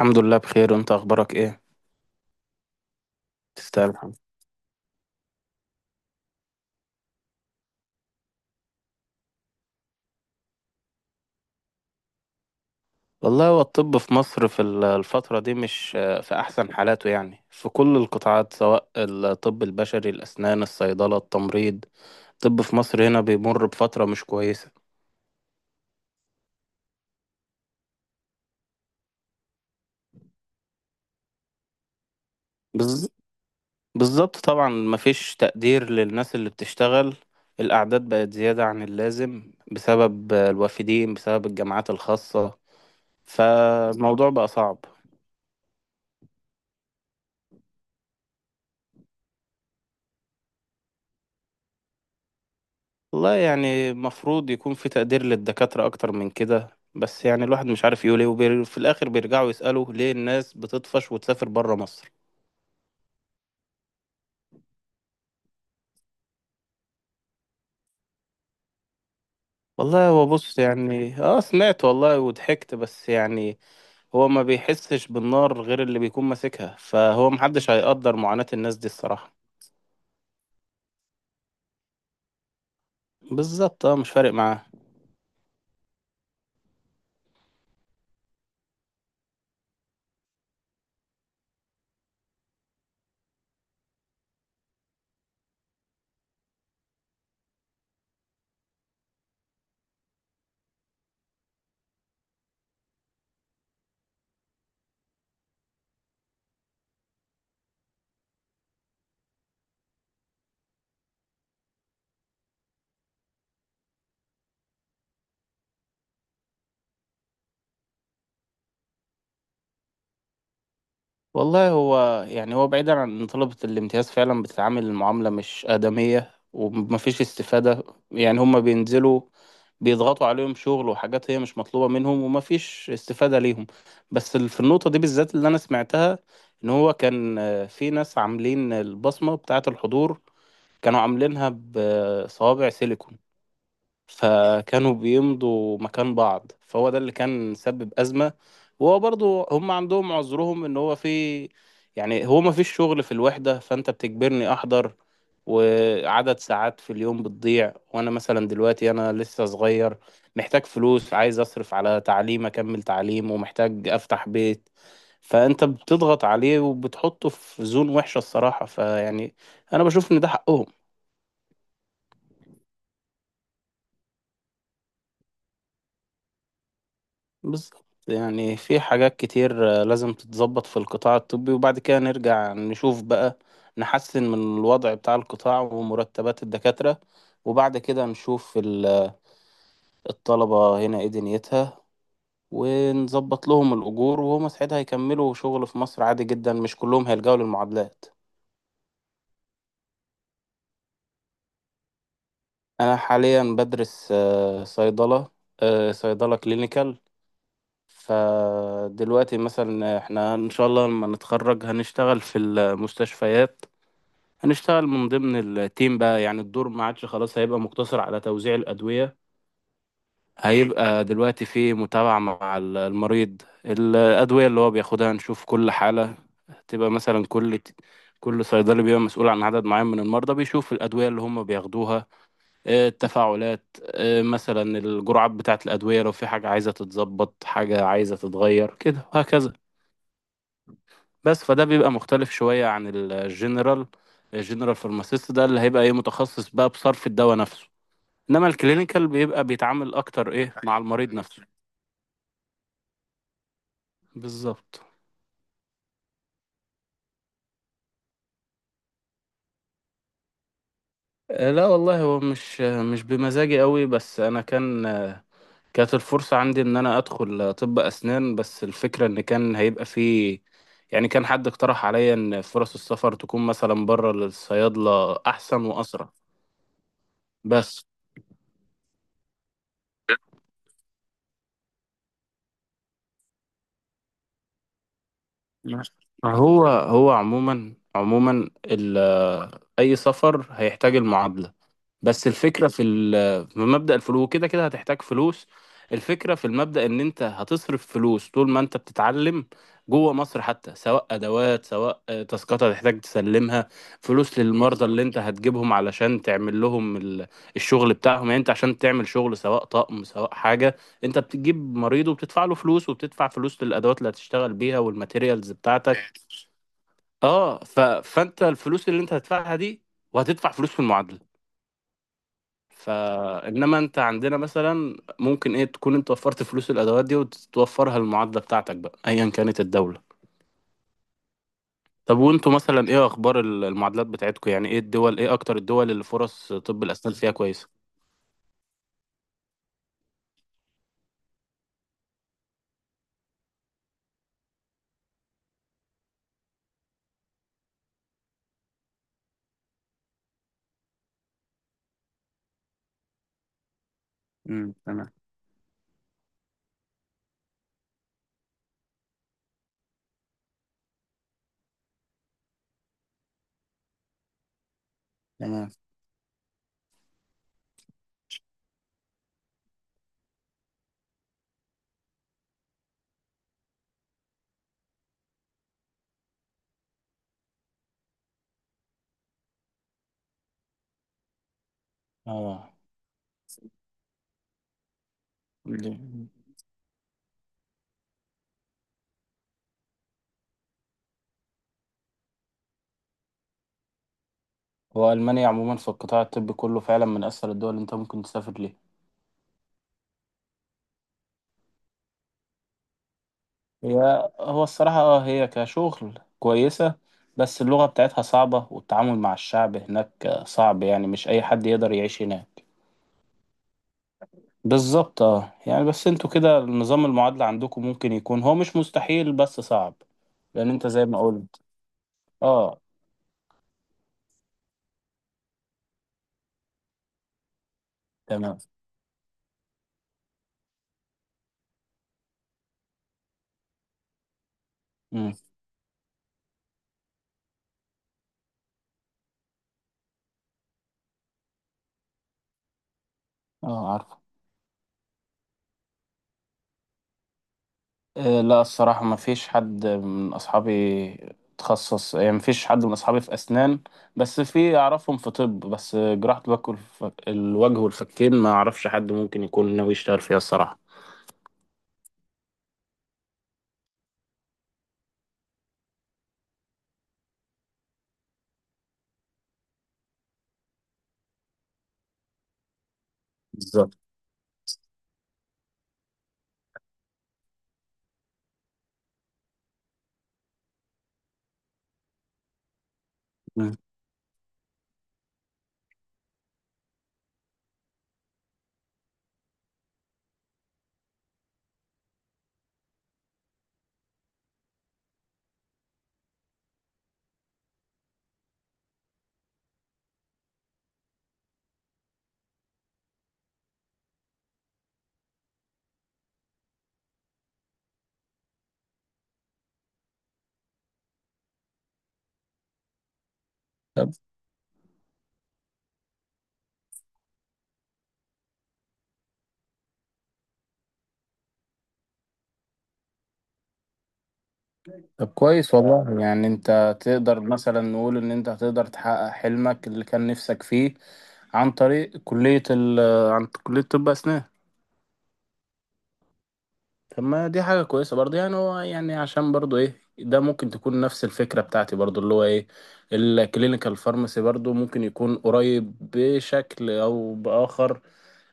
الحمد لله بخير، وانت اخبارك ايه؟ تستاهل الحمد. والله هو الطب في مصر في الفترة دي مش في احسن حالاته، يعني في كل القطاعات سواء الطب البشري، الاسنان، الصيدلة، التمريض. الطب في مصر هنا بيمر بفترة مش كويسة. بز... بالظبط، طبعا مفيش تقدير للناس اللي بتشتغل. الاعداد بقت زيادة عن اللازم بسبب الوافدين، بسبب الجامعات الخاصة. فالموضوع بقى صعب. والله يعني المفروض يكون في تقدير للدكاترة أكتر من كده، بس يعني الواحد مش عارف يقول ايه، وفي الآخر بيرجعوا يسألوا ليه الناس بتطفش وتسافر برا مصر. والله هو بص يعني، اه سمعت والله وضحكت، بس يعني هو ما بيحسش بالنار غير اللي بيكون ماسكها، فهو محدش هيقدر معاناة الناس دي الصراحة. بالظبط، اه مش فارق معاه. والله هو يعني، هو بعيدا عن ان طلبة الامتياز فعلا بتتعامل المعاملة مش آدمية، ومفيش استفادة. يعني هما بينزلوا، بيضغطوا عليهم شغل وحاجات هي مش مطلوبة منهم، ومفيش استفادة ليهم. بس في النقطة دي بالذات اللي أنا سمعتها، إن هو كان في ناس عاملين البصمة بتاعة الحضور، كانوا عاملينها بصوابع سيليكون. فكانوا بيمضوا مكان بعض، فهو ده اللي كان سبب أزمة. وهو برضو هم عندهم عذرهم، ان هو في، يعني هو ما فيش شغل في الوحدة، فانت بتجبرني احضر، وعدد ساعات في اليوم بتضيع، وانا مثلا دلوقتي انا لسه صغير، محتاج فلوس، عايز اصرف على تعليم، اكمل تعليم، ومحتاج افتح بيت. فانت بتضغط عليه، وبتحطه في زون وحشة الصراحة، فيعني انا بشوف ان ده حقهم. بالظبط، يعني في حاجات كتير لازم تتظبط في القطاع الطبي، وبعد كده نرجع نشوف بقى، نحسن من الوضع بتاع القطاع ومرتبات الدكاترة، وبعد كده نشوف الطلبة هنا ايه دنيتها، ونظبط لهم الأجور، وهم ساعتها هيكملوا شغل في مصر عادي جدا، مش كلهم هيلجأوا للمعادلات. أنا حاليا بدرس صيدلة، صيدلة كلينيكال. فدلوقتي مثلا احنا إن شاء الله لما نتخرج هنشتغل في المستشفيات، هنشتغل من ضمن التيم بقى، يعني الدور ما عادش خلاص هيبقى مقتصر على توزيع الأدوية. هيبقى دلوقتي في متابعة مع المريض، الأدوية اللي هو بياخدها، نشوف كل حالة، تبقى مثلا كل صيدلي بيبقى مسؤول عن عدد معين من المرضى، بيشوف الأدوية اللي هم بياخدوها، التفاعلات، مثلا الجرعات بتاعة الأدوية، لو في حاجة عايزة تتظبط، حاجة عايزة تتغير كده، وهكذا. بس فده بيبقى مختلف شوية عن الجنرال. الجنرال فارماسيست ده اللي هيبقى ايه، متخصص بقى بصرف الدواء نفسه، انما الكلينيكال بيبقى بيتعامل اكتر ايه مع المريض نفسه. بالظبط. لا والله هو مش مش بمزاجي قوي، بس انا كان كانت الفرصة عندي ان انا ادخل طب اسنان، بس الفكرة ان كان هيبقى فيه، يعني كان حد اقترح عليا ان فرص السفر تكون مثلا بره للصيادلة احسن واسرع. بس ماشي. هو هو عموما اي سفر هيحتاج المعادله، بس الفكرة في في مبدأ الفلوس، كده كده هتحتاج فلوس. الفكرة في المبدأ ان انت هتصرف فلوس طول ما انت بتتعلم، جوه مصر حتى، سواء ادوات، سواء تاسكات هتحتاج تسلمها، فلوس للمرضى اللي انت هتجيبهم علشان تعمل لهم الشغل بتاعهم. يعني انت عشان تعمل شغل، سواء طقم سواء حاجة، انت بتجيب مريض وبتدفع له فلوس، وبتدفع فلوس للادوات اللي هتشتغل بيها والماتيريالز بتاعتك. فانت الفلوس اللي انت هتدفعها دي، وهتدفع فلوس في المعادلة. فانما انت عندنا مثلا ممكن ايه تكون انت وفرت فلوس الادوات دي، وتوفرها للمعادله بتاعتك بقى، ايا كانت الدوله. طب وانتوا مثلا ايه اخبار المعادلات بتاعتكم؟ يعني ايه الدول، ايه اكتر الدول اللي فرص طب الاسنان فيها كويسه؟ تمام. تمام. اه. دي- هو المانيا عموما في القطاع الطبي كله فعلا من اسهل الدول اللي انت ممكن تسافر ليها. هي هو الصراحه، اه هي كشغل كويسه، بس اللغه بتاعتها صعبه، والتعامل مع الشعب هناك صعب، يعني مش اي حد يقدر يعيش هناك. بالظبط، اه يعني. بس انتوا كده نظام المعادلة عندكم ممكن يكون، هو مش مستحيل بس صعب، لان انت زي ما قلت. اه. تمام. امم. اه عارفه. آه لا، الصراحة ما فيش حد من اصحابي تخصص، يعني ما فيش حد من اصحابي في اسنان، بس في اعرفهم في طب، بس جراحة الوجه والفكين ما اعرفش حد ممكن يكون ناوي يشتغل فيها الصراحة. بالظبط. مم. طب. طب كويس والله، يعني انت تقدر مثلا نقول ان انت هتقدر تحقق حلمك اللي كان نفسك فيه عن طريق كلية ال آه، عن كلية طب أسنان. طب ما دي حاجة كويسة برضه، يعني هو يعني عشان برضه إيه ده، ممكن تكون نفس الفكرة بتاعتي برضه، اللي هو إيه الكلينيكال فارماسي برضه، ممكن يكون قريب بشكل أو بآخر،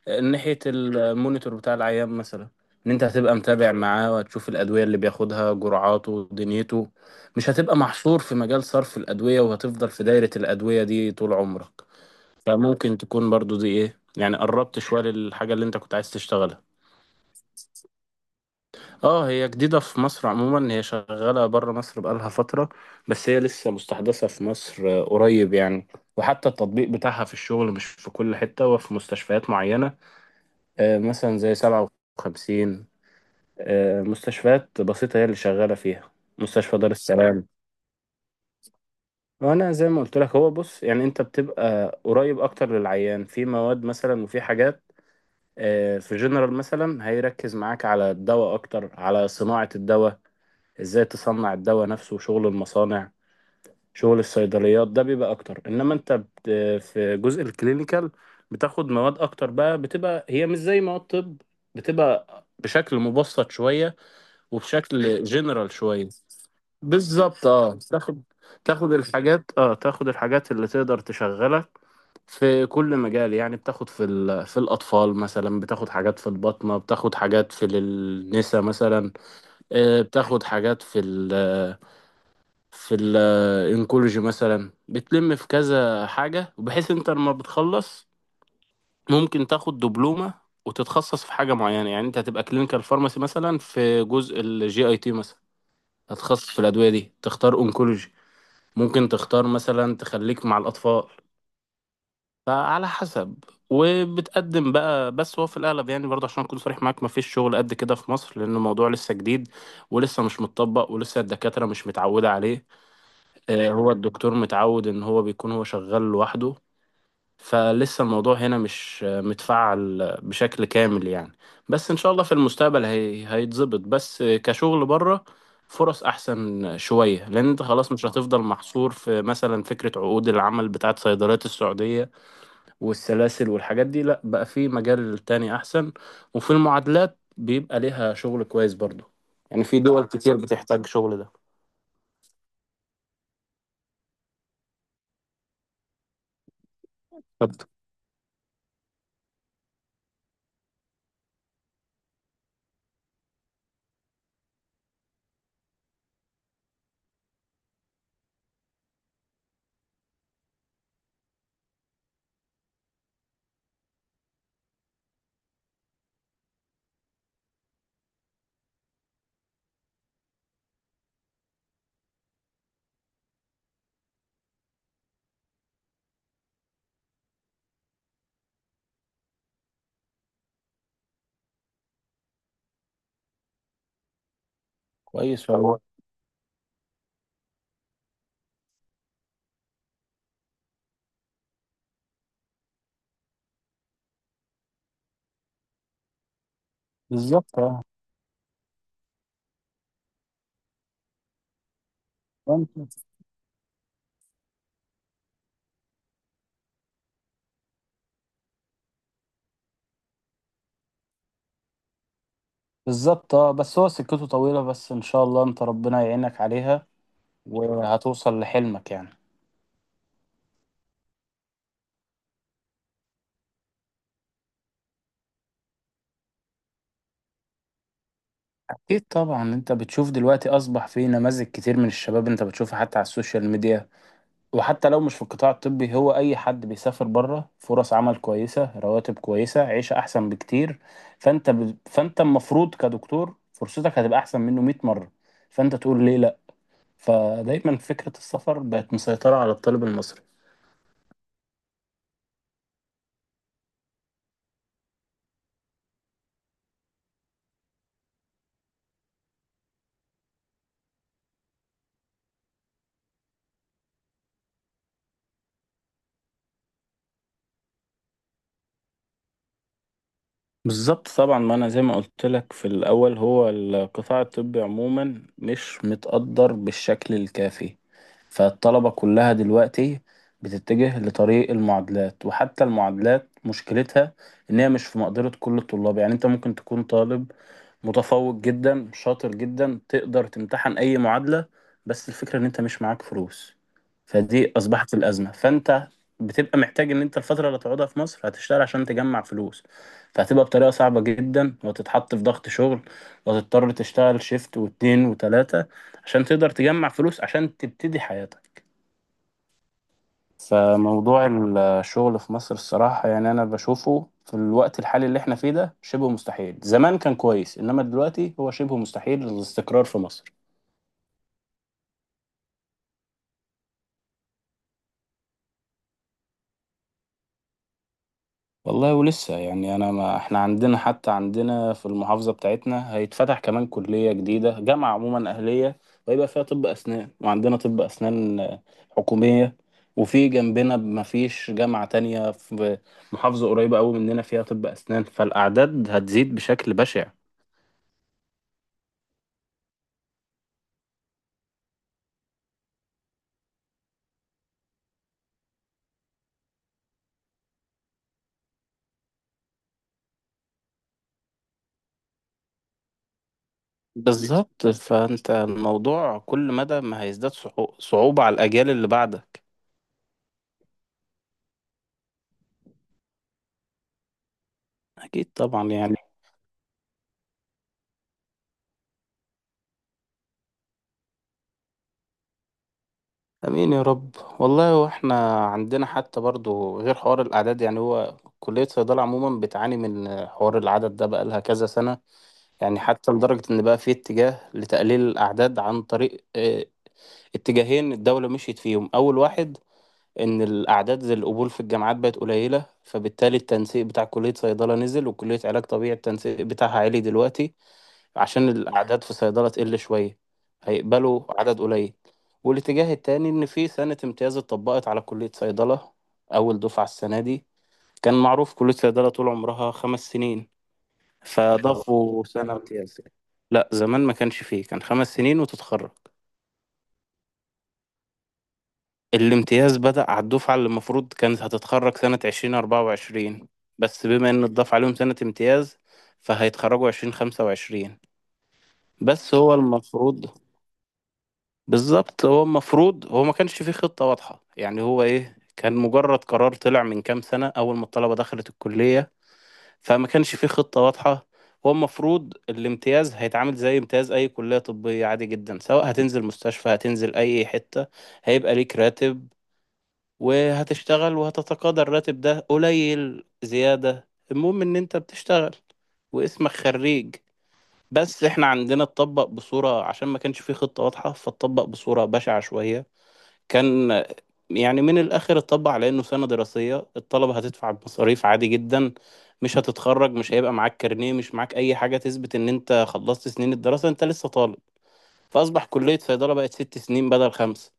ناحية المونيتور بتاع العيان مثلا، إن أنت هتبقى متابع معاه، وهتشوف الأدوية اللي بياخدها، جرعاته، دنيته. مش هتبقى محصور في مجال صرف الأدوية، وهتفضل في دايرة الأدوية دي طول عمرك. فممكن تكون برضو دي ايه يعني، قربت شوية للحاجة اللي انت كنت عايز تشتغلها. اه هي جديدة في مصر عموما، هي شغالة بره مصر بقالها فترة، بس هي لسه مستحدثة في مصر قريب يعني. وحتى التطبيق بتاعها في الشغل مش في كل حتة، وفي مستشفيات معينة، مثلا زي سبعة وخمسين، مستشفيات بسيطة هي اللي شغالة فيها، مستشفى دار السلام. وانا زي ما قلت لك، هو بص يعني انت بتبقى قريب اكتر للعيان، في مواد مثلا وفي حاجات. في جنرال مثلا هيركز معاك على الدواء اكتر، على صناعة الدواء، ازاي تصنع الدواء نفسه، شغل المصانع، شغل الصيدليات، ده بيبقى اكتر. انما انت في جزء الكلينيكال، بتاخد مواد اكتر بقى، بتبقى هي مش زي مواد طب، بتبقى بشكل مبسط شوية، وبشكل جنرال شوية. بالظبط، اه. تاخد الحاجات، اه تاخد الحاجات اللي تقدر تشغلك في كل مجال. يعني بتاخد في في الأطفال مثلا، بتاخد حاجات في البطنة، بتاخد حاجات في النساء مثلا، بتاخد حاجات في ال في الانكولوجي مثلا، بتلم في كذا حاجة، بحيث انت لما بتخلص ممكن تاخد دبلومة وتتخصص في حاجة معينة. يعني انت هتبقى كلينيكال فارماسي مثلا في جزء الجي اي تي مثلا، هتخصص في الأدوية دي، تختار انكولوجي، ممكن تختار مثلا تخليك مع الأطفال، فعلى حسب. وبتقدم بقى. بس هو في الاغلب، يعني برضه عشان اكون صريح معاك، مفيش شغل قد كده في مصر، لان الموضوع لسه جديد، ولسه مش متطبق، ولسه الدكاتره مش متعوده عليه. هو الدكتور متعود ان هو بيكون هو شغال لوحده، فلسه الموضوع هنا مش متفعل بشكل كامل يعني. بس ان شاء الله في المستقبل هيتظبط. بس كشغل بره فرص احسن شويه، لان انت خلاص مش هتفضل محصور في مثلا فكره عقود العمل بتاعت صيدليات السعوديه والسلاسل والحاجات دي، لا بقى في مجال تاني احسن، وفي المعادلات بيبقى ليها شغل كويس برضو، يعني في دول كتير بتحتاج شغل ده. بالظبط كويس والله. بالظبط، اه. فأنت. بالظبط، اه بس هو سكته طويلة، بس ان شاء الله انت ربنا يعينك عليها، وهتوصل لحلمك يعني. اكيد طبعا، انت بتشوف دلوقتي اصبح في نماذج كتير من الشباب، انت بتشوفها حتى على السوشيال ميديا. وحتى لو مش في القطاع الطبي، هو أي حد بيسافر بره فرص عمل كويسة، رواتب كويسة، عيشة أحسن بكتير. فأنت المفروض كدكتور فرصتك هتبقى أحسن منه 100 مرة، فأنت تقول ليه لأ؟ فدايما فكرة السفر بقت مسيطرة على الطالب المصري. بالظبط طبعا، ما انا زي ما قلت لك في الاول، هو القطاع الطبي عموما مش متقدر بالشكل الكافي، فالطلبة كلها دلوقتي بتتجه لطريق المعادلات. وحتى المعادلات مشكلتها ان هي مش في مقدرة كل الطلاب. يعني انت ممكن تكون طالب متفوق جدا، شاطر جدا، تقدر تمتحن اي معادلة، بس الفكرة ان انت مش معاك فلوس، فدي اصبحت الازمة. فانت بتبقى محتاج ان انت الفترة اللي هتقعدها في مصر هتشتغل عشان تجمع فلوس، فهتبقى بطريقة صعبة جدا، وهتتحط في ضغط شغل، وهتضطر تشتغل شيفت واتنين وتلاتة عشان تقدر تجمع فلوس، عشان تبتدي حياتك. فموضوع الشغل في مصر الصراحة، يعني أنا بشوفه في الوقت الحالي اللي احنا فيه ده شبه مستحيل. زمان كان كويس، إنما دلوقتي هو شبه مستحيل الاستقرار في مصر. والله ولسه يعني، انا ما احنا عندنا، حتى عندنا في المحافظه بتاعتنا هيتفتح كمان كليه جديده، جامعه عموما اهليه، ويبقى فيها طب اسنان، وعندنا طب اسنان حكوميه. وفي جنبنا ما فيش جامعه تانية في محافظه قريبه قوي مننا فيها طب اسنان، فالاعداد هتزيد بشكل بشع. بالظبط، فانت الموضوع كل مدى ما هيزداد صعوبه على الاجيال اللي بعدك. اكيد طبعا يعني. امين يا رب والله. واحنا عندنا حتى برضو غير حوار الاعداد، يعني هو كليه صيدله عموما بتعاني من حوار العدد ده بقى لها كذا سنه، يعني حتى لدرجه ان بقى في اتجاه لتقليل الاعداد عن طريق اتجاهين الدوله مشيت فيهم. اول واحد، ان الاعداد زي القبول في الجامعات بقت قليله، فبالتالي التنسيق بتاع كليه صيدله نزل، وكليه علاج طبيعي التنسيق بتاعها عالي دلوقتي، عشان الأعداد في صيدلة تقل شوية، هيقبلوا عدد قليل. والاتجاه التاني إن في سنة امتياز اتطبقت على كلية صيدلة، أول دفعة السنة دي. كان معروف كلية صيدلة طول عمرها خمس سنين، فضافوا سنة امتياز. لا زمان ما كانش فيه، كان خمس سنين وتتخرج. الامتياز بدأ على الدفعة اللي المفروض كانت هتتخرج سنة عشرين أربعة وعشرين، بس بما إن اتضاف عليهم سنة امتياز، فهيتخرجوا عشرين خمسة وعشرين. بس هو المفروض بالظبط، هو المفروض، هو ما كانش فيه خطة واضحة، يعني هو ايه، كان مجرد قرار طلع من كام سنة أول ما الطلبة دخلت الكلية، فما كانش فيه خطة واضحة. هو المفروض الامتياز هيتعامل زي امتياز أي كلية طبية عادي جدا، سواء هتنزل مستشفى هتنزل أي حتة هيبقى ليك راتب وهتشتغل وهتتقاضى الراتب. ده قليل زيادة، المهم إن أنت بتشتغل واسمك خريج. بس احنا عندنا اتطبق بصورة، عشان ما كانش فيه خطة واضحة فاتطبق بصورة بشعة شوية. كان يعني من الآخر اتطبق على إنه سنة دراسية الطلبة هتدفع بمصاريف عادي جدا، مش هتتخرج، مش هيبقى معاك كارنيه، مش معاك أي حاجة تثبت إن أنت خلصت سنين الدراسة، أنت لسه طالب. فأصبح كلية صيدلة بقت ست سنين بدل خمسة.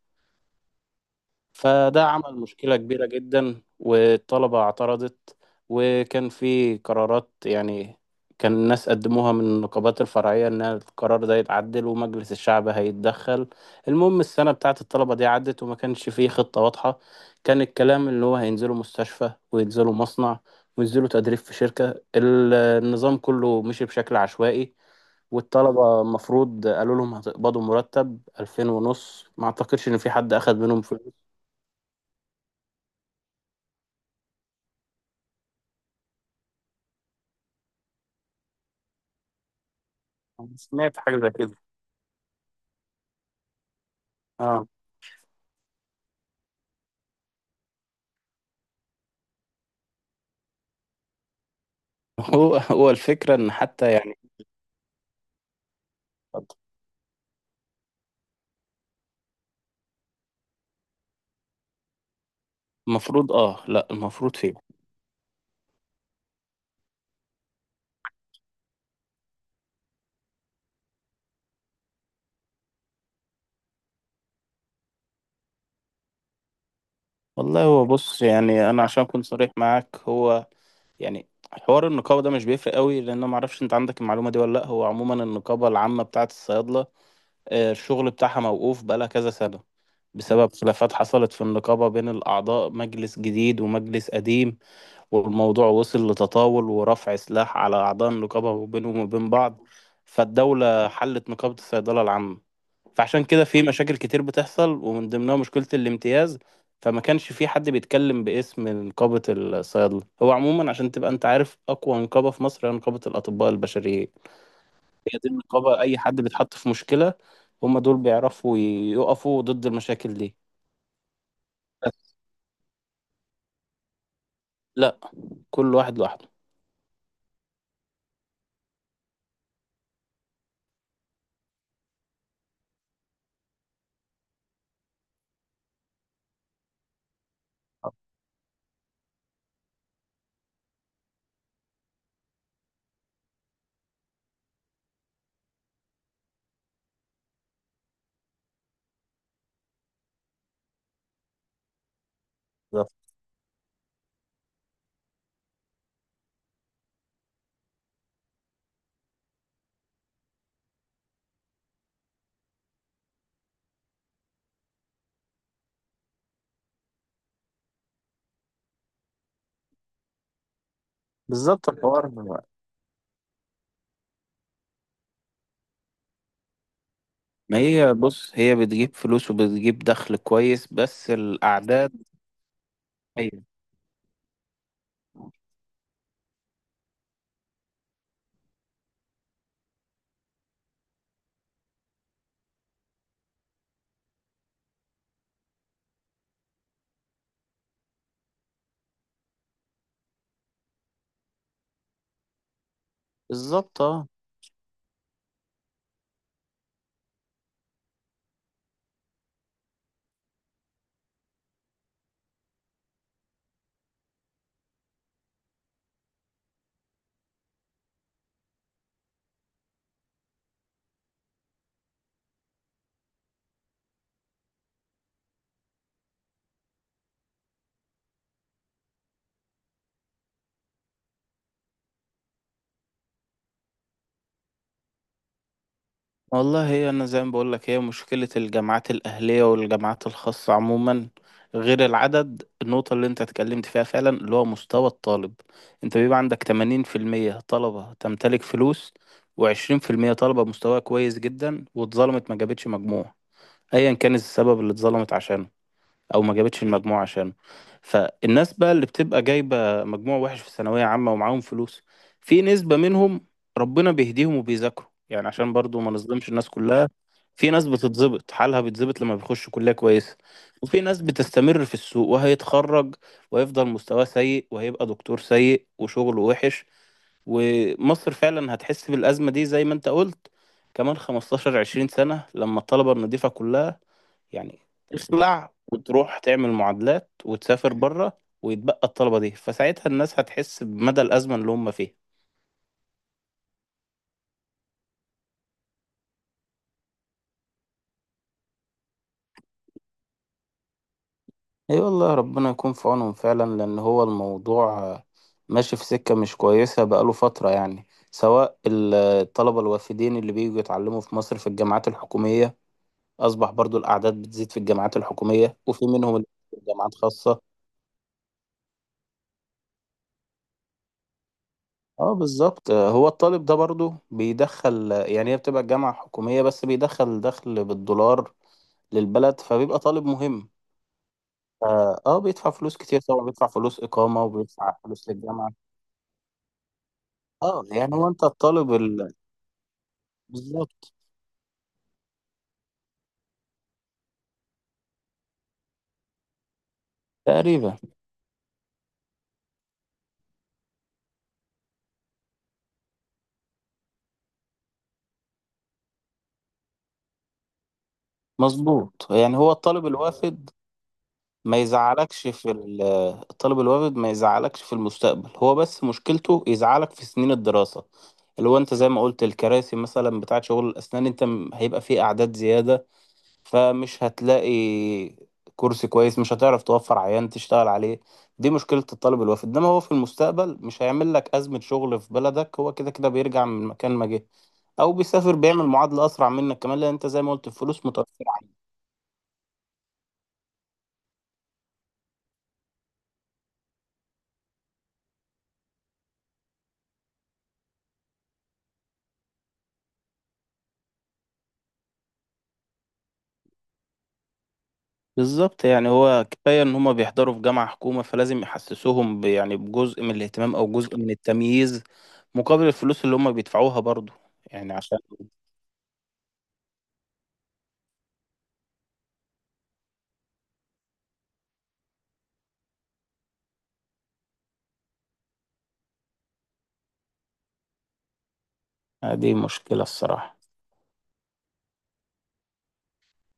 فده عمل مشكلة كبيرة جدا والطلبة اعترضت. وكان في قرارات يعني، كان الناس قدموها من النقابات الفرعية إن القرار ده يتعدل ومجلس الشعب هيتدخل. المهم السنة بتاعة الطلبة دي عدت وما كانش فيه خطة واضحة. كان الكلام اللي هو هينزلوا مستشفى وينزلوا مصنع وينزلوا تدريب في شركة. ال- النظام كله مشي بشكل عشوائي. والطلبة المفروض قالوا لهم هتقبضوا مرتب 2500، ما أعتقدش إن في حد أخد منهم فلوس. سمعت حاجة زي كده، اه. هو الفكرة إن حتى يعني المفروض، آه لأ المفروض فيه. والله هو بص، يعني أنا عشان أكون صريح معاك، هو يعني حوار النقابة ده مش بيفرق قوي، لأن أنا معرفش أنت عندك المعلومة دي ولا لأ. هو عموما النقابة العامة بتاعة الصيادلة، الشغل بتاعها موقوف بقالها كذا سنة بسبب خلافات حصلت في النقابة بين الأعضاء، مجلس جديد ومجلس قديم، والموضوع وصل لتطاول ورفع سلاح على أعضاء النقابة وبينهم وبين بعض. فالدولة حلت نقابة الصيدلة العامة. فعشان كده في مشاكل كتير بتحصل، ومن ضمنها مشكلة الامتياز. فما كانش في حد بيتكلم باسم نقابة الصيادلة. هو عموما عشان تبقى انت عارف، أقوى نقابة في مصر هي نقابة الأطباء البشريين. هي دي النقابة، أي حد بيتحط في مشكلة هم دول بيعرفوا يقفوا ضد المشاكل دي. بس لا، كل واحد لوحده. بالظبط. بالظبط الحوار. ما هي بص، هي بتجيب فلوس وبتجيب دخل كويس، بس الأعداد. هي بالظبط، اه. والله هي أنا زي ما بقولك، هي مشكلة الجامعات الأهلية والجامعات الخاصة عموما، غير العدد، النقطة اللي أنت اتكلمت فيها فعلا اللي هو مستوى الطالب. أنت بيبقى عندك 80% طلبة تمتلك فلوس، وعشرين في المية طلبة مستواها كويس جدا واتظلمت ما جابتش مجموع، أيا كان السبب اللي اتظلمت عشانه او ما جابتش المجموع عشانه. فالناس بقى اللي بتبقى جايبه مجموع وحش في ثانويه عامه ومعاهم فلوس، في نسبه منهم ربنا بيهديهم وبيذاكروا، يعني عشان برضو ما نظلمش الناس كلها. في ناس بتتظبط، حالها بيتظبط لما بيخش كليه كويسه، وفي ناس بتستمر في السوق وهيتخرج ويفضل مستواه سيء وهيبقى دكتور سيء وشغله وحش. ومصر فعلا هتحس بالأزمة دي زي ما انت قلت، كمان 15 20 سنة، لما الطلبة النظيفة كلها يعني تخلع وتروح تعمل معادلات وتسافر بره ويتبقى الطلبة دي، فساعتها الناس هتحس بمدى الأزمة اللي هم فيها. اي والله، ربنا يكون في عونهم فعلا، لأن هو الموضوع ماشي في سكة مش كويسة بقاله فترة. يعني سواء الطلبة الوافدين اللي بييجوا يتعلموا في مصر في الجامعات الحكومية، أصبح برضو الأعداد بتزيد في الجامعات الحكومية، وفي منهم اللي في جامعات خاصة. اه بالظبط. هو الطالب ده برضو بيدخل، يعني هي بتبقى الجامعة حكومية بس بيدخل دخل بالدولار للبلد، فبيبقى طالب مهم. اه بيدفع فلوس كتير طبعا، بيدفع فلوس إقامة وبيدفع فلوس للجامعة. اه يعني هو انت الطالب ال... بالظبط. تقريبا. مظبوط، يعني هو الطالب الوافد ما يزعلكش في الطالب الوافد ما يزعلكش في المستقبل، هو بس مشكلته يزعلك في سنين الدراسة، اللي هو انت زي ما قلت الكراسي مثلا بتاعت شغل الأسنان. انت هيبقى فيه أعداد زيادة، فمش هتلاقي كرسي كويس، مش هتعرف توفر عيان تشتغل عليه. دي مشكلة الطالب الوافد، انما هو في المستقبل مش هيعمل لك أزمة شغل في بلدك، هو كده كده بيرجع من مكان ما جه او بيسافر بيعمل معادلة أسرع منك، كمان لأن انت زي ما قلت الفلوس متوفرة. بالظبط، يعني هو كفاية إن هما بيحضروا في جامعة حكومة فلازم يحسسوهم ب- يعني بجزء من الاهتمام أو جزء من التمييز مقابل الفلوس اللي هما بيدفعوها برضو. يعني عشان دي مشكلة الصراحة.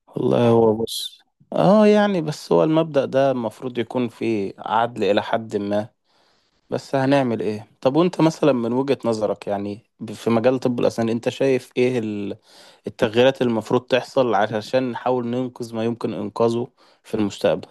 والله هو بص، اه يعني بس هو المبدأ ده المفروض يكون فيه عدل إلى حد ما. بس هنعمل ايه؟ طب وانت مثلا من وجهة نظرك، يعني ب- في مجال طب الأسنان انت شايف ايه التغييرات اللي المفروض تحصل علشان نحاول ننقذ ما يمكن إنقاذه في المستقبل؟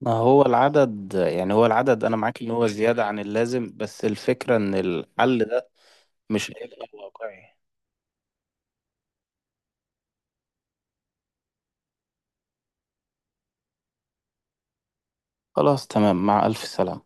ما هو العدد، يعني هو العدد انا معاك ان هو زيادة عن اللازم، بس الفكرة ان الحل ده مش هيبقى واقعي. خلاص تمام، مع الف سلامة.